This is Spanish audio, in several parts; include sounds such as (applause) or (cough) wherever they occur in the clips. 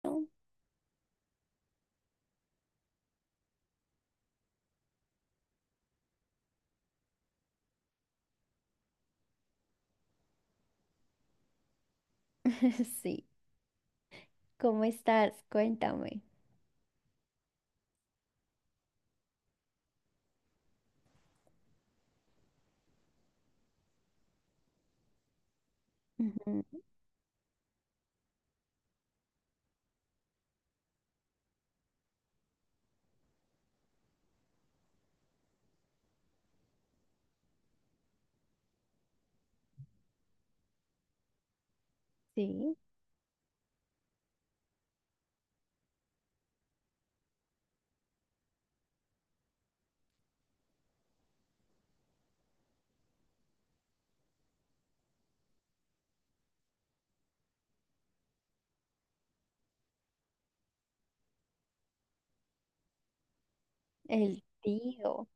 (laughs) Sí, ¿cómo estás? Cuéntame. Ujú. Sí, el tío.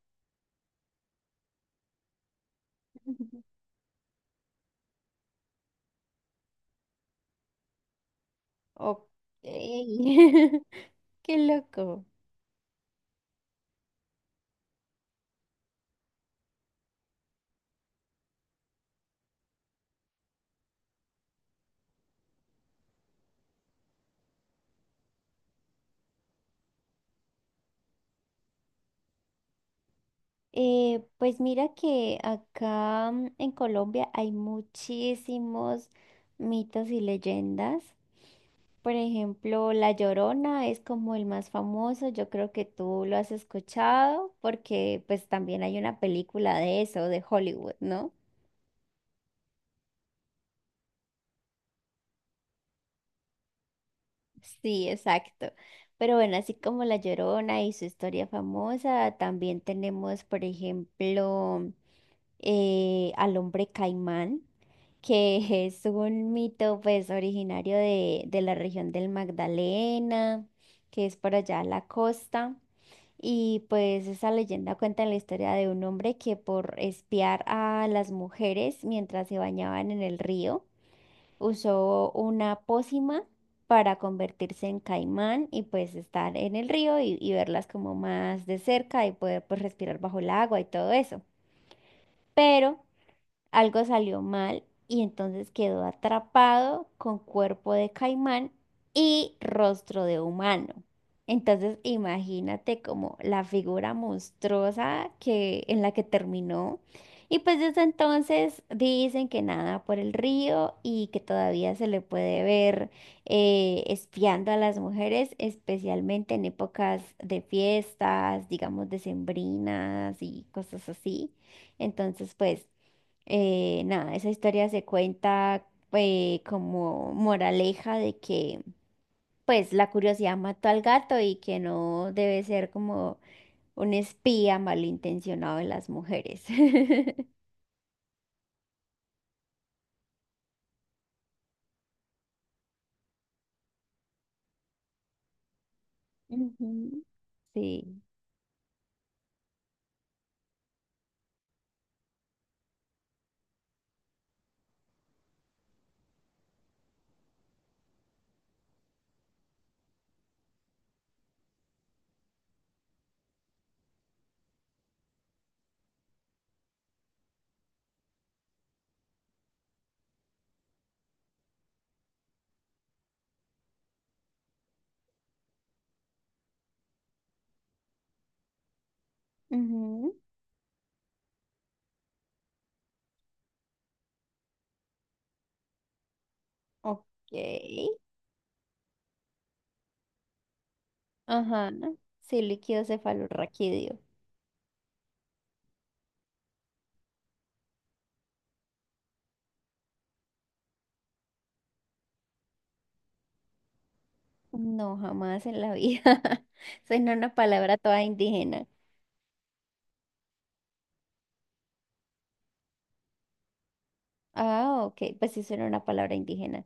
(laughs) Ok, (laughs) qué loco. Pues mira que acá en Colombia hay muchísimos mitos y leyendas. Por ejemplo, La Llorona es como el más famoso. Yo creo que tú lo has escuchado porque pues también hay una película de eso, de Hollywood, ¿no? Sí, exacto. Pero bueno, así como La Llorona y su historia famosa, también tenemos, por ejemplo, al hombre caimán, que (laughs) es un mito pues originario de la región del Magdalena, que es por allá a la costa. Y pues esa leyenda cuenta la historia de un hombre que por espiar a las mujeres mientras se bañaban en el río, usó una pócima para convertirse en caimán y pues estar en el río y verlas como más de cerca y poder pues respirar bajo el agua y todo eso. Pero algo salió mal y entonces quedó atrapado con cuerpo de caimán y rostro de humano. Entonces imagínate como la figura monstruosa que, en la que terminó. Y pues desde entonces dicen que nada por el río y que todavía se le puede ver espiando a las mujeres, especialmente en épocas de fiestas, digamos, decembrinas y cosas así. Entonces, pues... nada, esa historia se cuenta como moraleja de que pues la curiosidad mató al gato y que no debe ser como un espía malintencionado de las mujeres. (laughs) Ujú. Sí. Ujú. Ok. Ajá. Sí, líquido cefalorraquídeo. No, jamás en la vida. (laughs) Suena una palabra toda indígena. Ah, ok. Pues sí, suena una palabra indígena.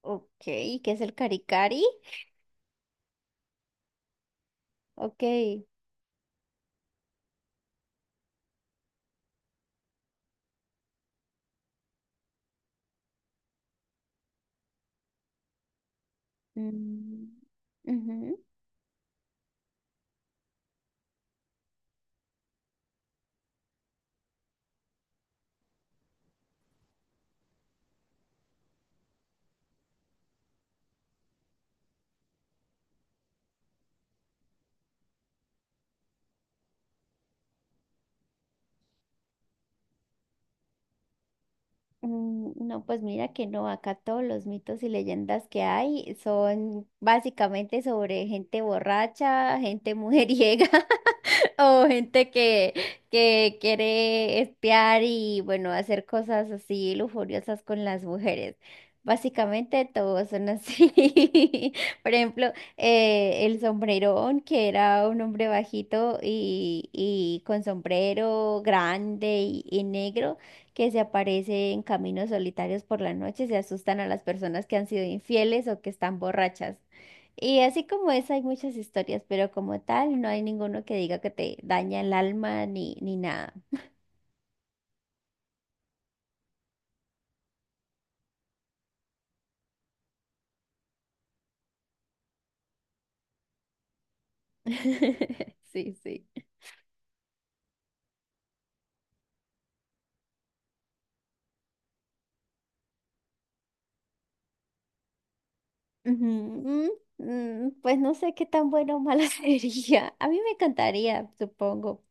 Ok, ¿qué es el caricari? Ok. Mm. Ujú. No, pues mira que no, acá todos los mitos y leyendas que hay son básicamente sobre gente borracha, gente mujeriega. (laughs) (laughs) O gente que quiere espiar y bueno, hacer cosas así lujuriosas con las mujeres. Básicamente todos son así. (laughs) Por ejemplo, el sombrerón, que era un hombre bajito y con sombrero grande y negro, que se aparece en caminos solitarios por la noche, se asustan a las personas que han sido infieles o que están borrachas. Y así como es, hay muchas historias, pero como tal, no hay ninguno que diga que te daña el alma ni, ni nada. (laughs) Sí, sí. Ujú. Mm. Mm. Pues no sé qué tan bueno o malo (laughs) sería. A mí me encantaría, supongo.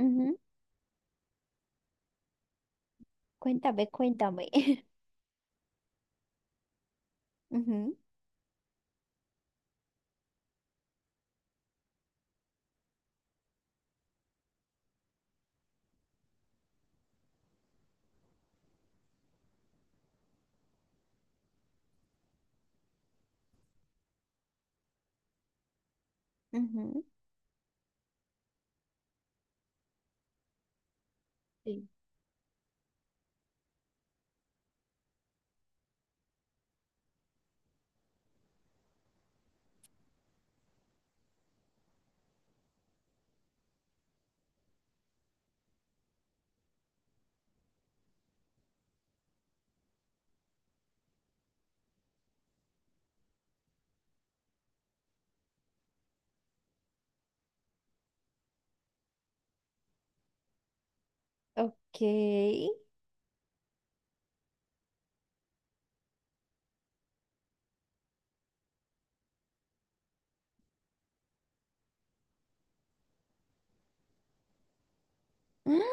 Ujú. Cuéntame, cuéntame. (laughs) Ujú. Ujú. Sí. Ok. Mm.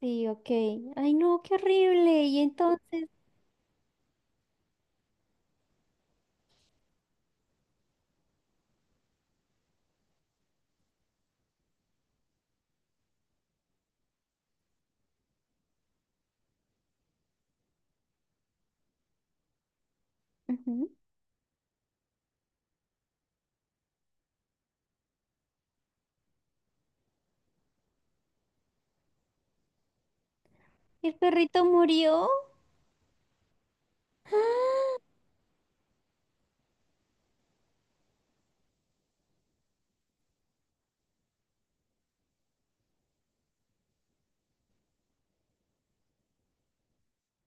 Sí, ok. Ay, no, qué horrible. Y entonces, ujú, ¿el perrito murió?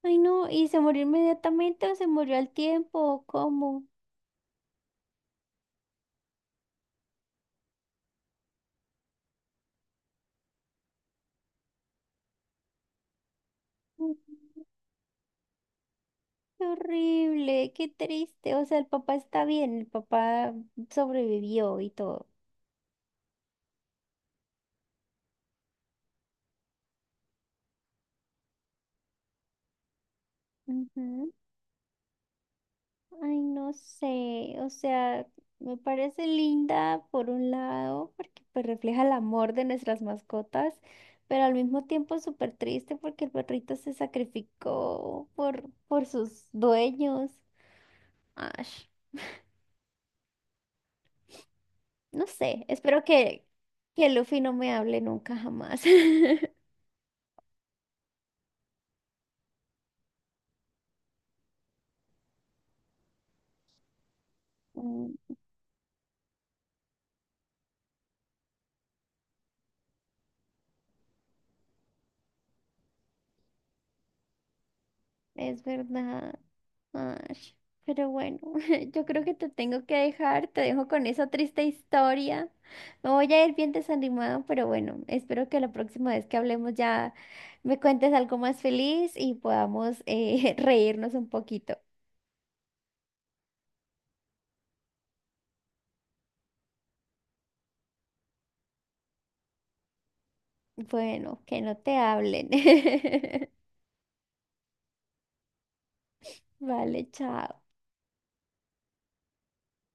Ay, no, ¿y se murió inmediatamente o se murió al tiempo o cómo? Mm. Qué horrible, qué triste. O sea, el papá está bien, el papá sobrevivió y todo. Ujú. Ay, no sé, o sea, me parece linda por un lado, porque pues refleja el amor de nuestras mascotas, pero al mismo tiempo es súper triste porque el perrito se sacrificó por sus dueños. Ay. No sé, espero que Luffy no me hable nunca jamás. (laughs) Mm. Es verdad. Ash, pero bueno, (laughs) yo creo que te tengo que dejar, te dejo con esa triste historia. Me voy a ir bien desanimada, pero bueno, espero que la próxima vez que hablemos ya me cuentes algo más feliz y podamos (laughs) reírnos un poquito. Bueno, que no te hablen. (laughs) Vale, chao.